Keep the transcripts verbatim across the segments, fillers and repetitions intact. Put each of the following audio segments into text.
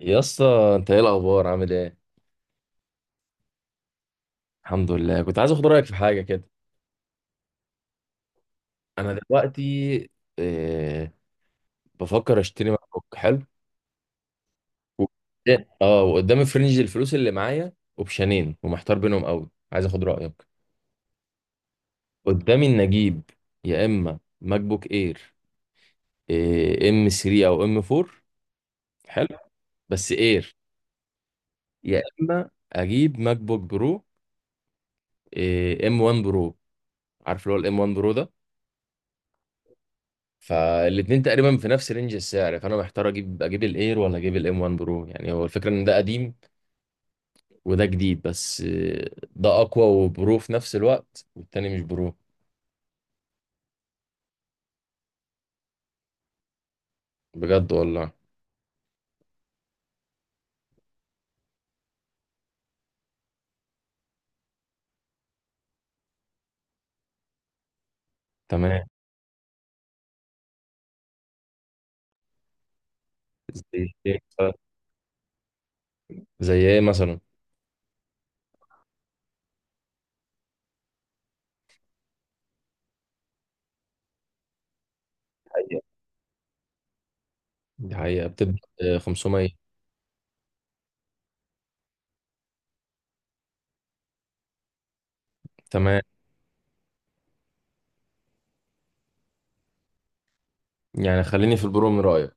يا اسطى، انت ايه الاخبار، عامل ايه؟ الحمد لله. كنت عايز اخد رايك في حاجه كده. انا دلوقتي، إيه بفكر اشتري ماك بوك حلو. و- اه وقدامي في رينج الفلوس اللي معايا، اوبشنين ومحتار بينهم قوي، عايز اخد رايك. قدامي ان اجيب، يا اما ماك بوك اير، آه، ام 3 او ام 4، حلو بس اير. يا اما اجيب ماك بوك برو، آه، ام 1 برو. عارف اللي هو الام ام وان برو ده. فالاتنين تقريبا في نفس رينج السعر، فانا محتار اجيب اجيب الاير ولا اجيب الام ام وان برو. يعني هو الفكره ان ده قديم وده جديد، بس آه، ده اقوى وبرو في نفس الوقت، والتاني مش برو. بجد والله. تمام. زي ايه مثلا؟ زي ايه مثلا؟ دي حقيقه بتبدا آه، خمسميه. تمام. يعني خليني في البرو من رايك.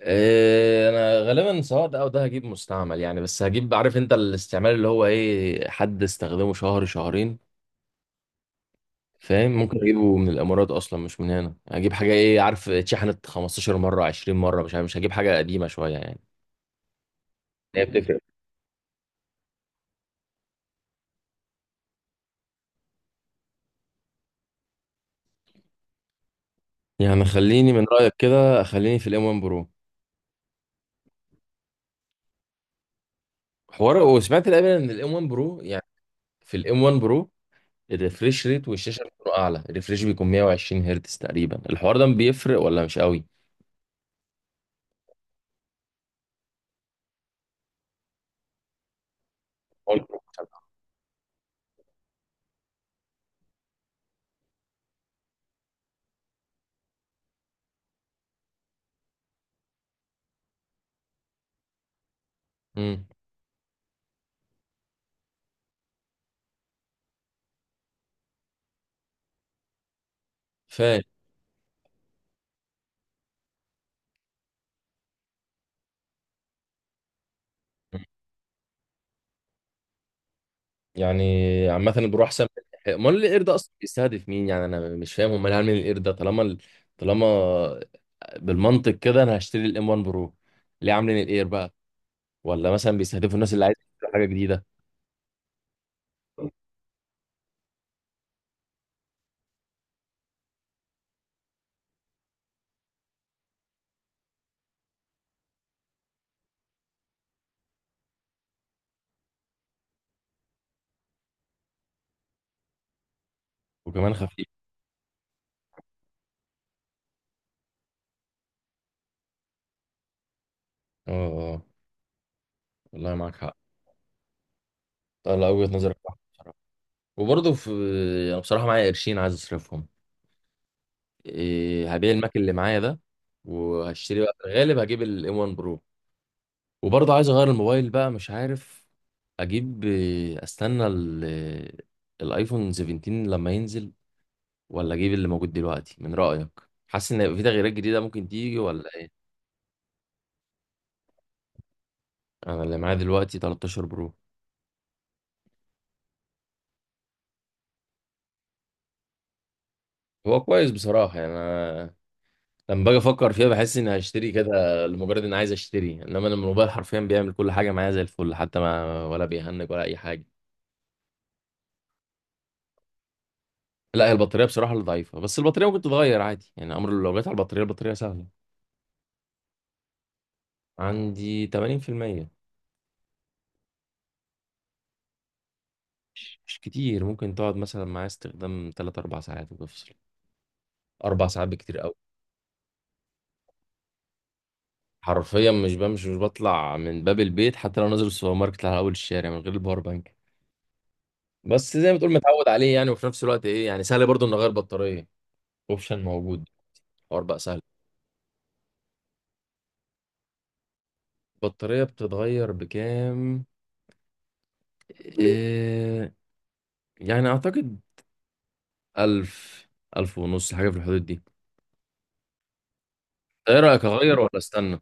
آه، انا غالبا سواء ده او ده هجيب مستعمل يعني. بس هجيب، عارف انت الاستعمال اللي هو ايه، حد استخدمه شهر شهرين. فاهم، ممكن اجيبه من الامارات اصلا مش من هنا. اجيب حاجه، ايه، عارف، اتشحنت خمستاشر مره عشرين مره، مش عارف، مش هجيب حاجه قديمه شويه يعني. هي بتفرق. يعني خليني من رايك كده، خليني في الام ام وان برو. حوار، وسمعت الامانه ان الام ام وان برو يعني، في الام ام وان برو الريفريش ريت والشاشه بتكون اعلى. الريفريش بيكون مئة وعشرين هرتز تقريبا. الحوار ده بيفرق ولا مش قوي؟ امم. فاهم يعني. عامة البروح سام. امال القرد ده اصلا بيستهدف مين؟ يعني انا مش فاهم هم ليه عاملين القرد ده، طالما ال... طالما بالمنطق كده انا هشتري الام ام وان برو. ليه عاملين الاير بقى؟ ولا مثلا بيستهدفوا الناس اللي عايزه تشتري حاجه جديده؟ وكمان خفيف. اه. آه، والله معاك حق. طلع وجهة نظرك صح بصراحة. وبرضه في انا بصراحه معايا قرشين عايز اصرفهم. إيه هبيع الماك اللي معايا ده. وهشتري بقى، في الغالب هجيب الام ام وان برو. وبرضه عايز اغير الموبايل بقى. مش عارف اجيب، آه، استنى ال- آه، الايفون سبعتاشر لما ينزل، ولا اجيب اللي موجود دلوقتي من رأيك؟ حاسس ان هيبقى في تغييرات جديدة ممكن تيجي، ولا ايه؟ انا اللي معايا دلوقتي تلتاشر برو. هو كويس بصراحة. يعني انا لما باجي افكر فيها، بحس اني هشتري كده لمجرد اني عايز اشتري. انما أنا الموبايل حرفيا بيعمل كل حاجة معايا زي الفل، حتى ما ولا بيهنج ولا اي حاجة. لا، هي البطارية بصراحة اللي ضعيفة. بس البطارية ممكن تتغير عادي يعني. امر لو جت على البطارية، البطارية سهلة. عندي تمانين في الميه. مش كتير. ممكن تقعد مثلا معايا استخدام ثلاث اربع ساعات وتفصل. اربع ساعات بكتير قوي. حرفيا مش بمشي، مش بطلع من باب البيت حتى لو نازل السوبر ماركت على اول الشارع، من غير الباور بانك. بس زي ما تقول متعود عليه يعني. وفي نفس الوقت ايه يعني سهل برضو ان اغير بطاريه. اوبشن موجود. حوار بقى سهل. البطاريه بتتغير بكام؟ إيه يعني اعتقد الف، الف ونص حاجه في الحدود دي. ايه رايك، اغير ولا استنى؟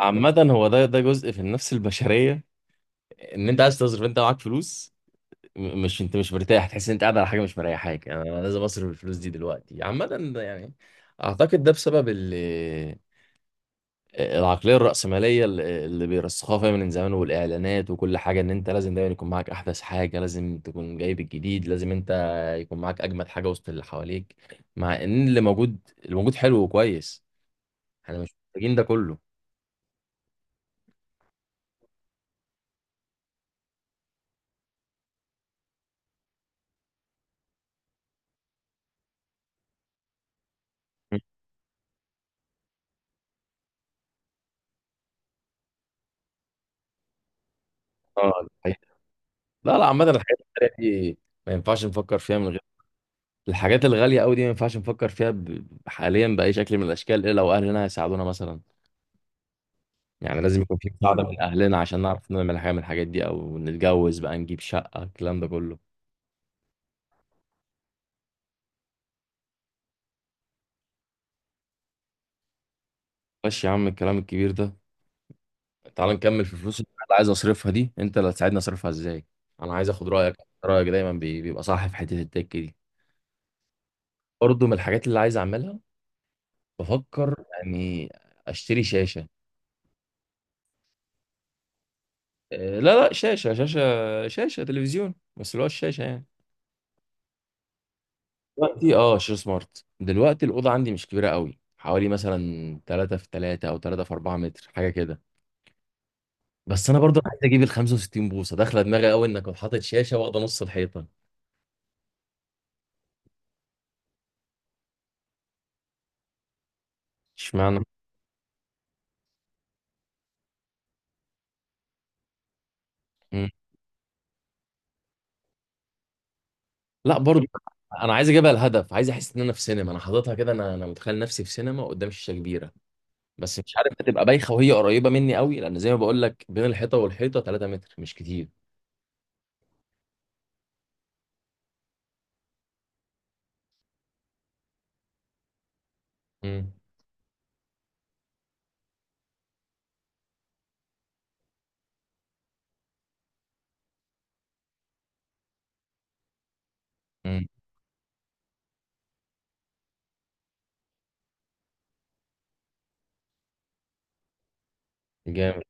عامه هو ده ده جزء في النفس البشريه. ان انت عايز تصرف، انت معاك فلوس. م- مش انت مش مرتاح، تحس ان انت قاعد على حاجه مش مريحاك يعني. انا أنا لازم اصرف الفلوس دي دلوقتي. عامه ده يعني، اعتقد ده بسبب ال- العقليه الراسماليه اللي اللي بيرسخوها فيها من زمان، والاعلانات وكل حاجه، ان انت لازم دايما يكون معاك احدث حاجه، لازم تكون جايب الجديد، لازم انت يكون معاك اجمد حاجه وسط اللي حواليك. مع ان اللي موجود اللي موجود حلو وكويس. احنا مش محتاجين ده كله. اه، الحقيقة. لا، لا، عامه الحاجات التانية دي، ما ينفعش نفكر فيها من غير. الحاجات الغالية أوي دي ما ينفعش نفكر فيها ب... حاليا بأي شكل من الأشكال، إلا لو أهلنا هيساعدونا مثلا. يعني لازم يكون في مساعدة من أهلنا عشان نعرف نعمل حاجة من الحاجات دي، أو نتجوز بقى، نجيب شقة، الكلام ده كله. ماشي يا عم الكلام الكبير ده. تعال نكمل في الفلوس اللي أنا عايز أصرفها دي. أنت اللي هتساعدني أصرفها إزاي. أنا عايز أخد رأيك. رأيك دايما بي... بيبقى صح في حتة التك دي. برضه من الحاجات اللي عايز أعملها، بفكر يعني أشتري شاشة. إيه، لا لا، شاشة شاشة شاشة تلفزيون، بس اللي هو الشاشة يعني. دلوقتي اه شير سمارت. دلوقتي الاوضه عندي مش كبيره قوي، حوالي مثلا تلاته في تلاته او تلاته في اربعه متر، حاجه كده. بس انا برضو عايز اجيب ال خمسه وستين بوصه. داخله دماغي قوي انك حاطط شاشه واخده نص الحيطه. اشمعنى؟ مم. لا برضو. انا عايز اجيبها. الهدف عايز احس ان انا في سينما. انا حاططها كده، انا انا متخيل نفسي في سينما قدام شاشه كبيره. بس مش عارف هتبقى بايخه وهي قريبه مني قوي، لان زي ما بقول لك بين الحيطه والحيطه تلات متر، مش كتير. امم امم جامد.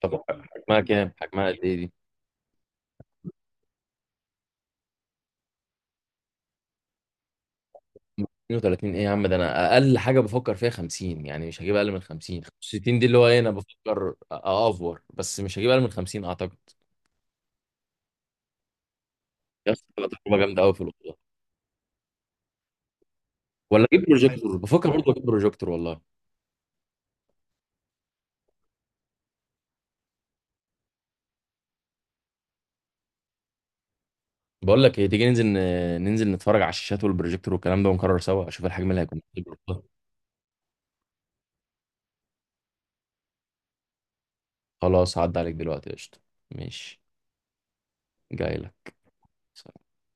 طب حجمها كام حجمها قد ايه دي؟ اتنين وتلاتين ايه يا عم؟ ده انا اقل حاجه بفكر فيها خمسين يعني. مش هجيب اقل من خمسين. خمسه وستين دي اللي هو ايه، انا بفكر أ- اوفر. بس مش هجيب اقل من خمسين اعتقد. يا اسطى تبقى تجربه جامده قوي في الاوضه. ولا اجيب بروجيكتور؟ بفكر برضه اجيب بروجيكتور والله. بقول لك ايه، تيجي ننزل ن- ننزل نتفرج على الشاشات والبروجيكتور والكلام ده، ونكرر سوا اشوف الحجم اللي هيكون في الأوضة. خلاص هعدي عليك دلوقتي قشطه. ماشي. جاي لك.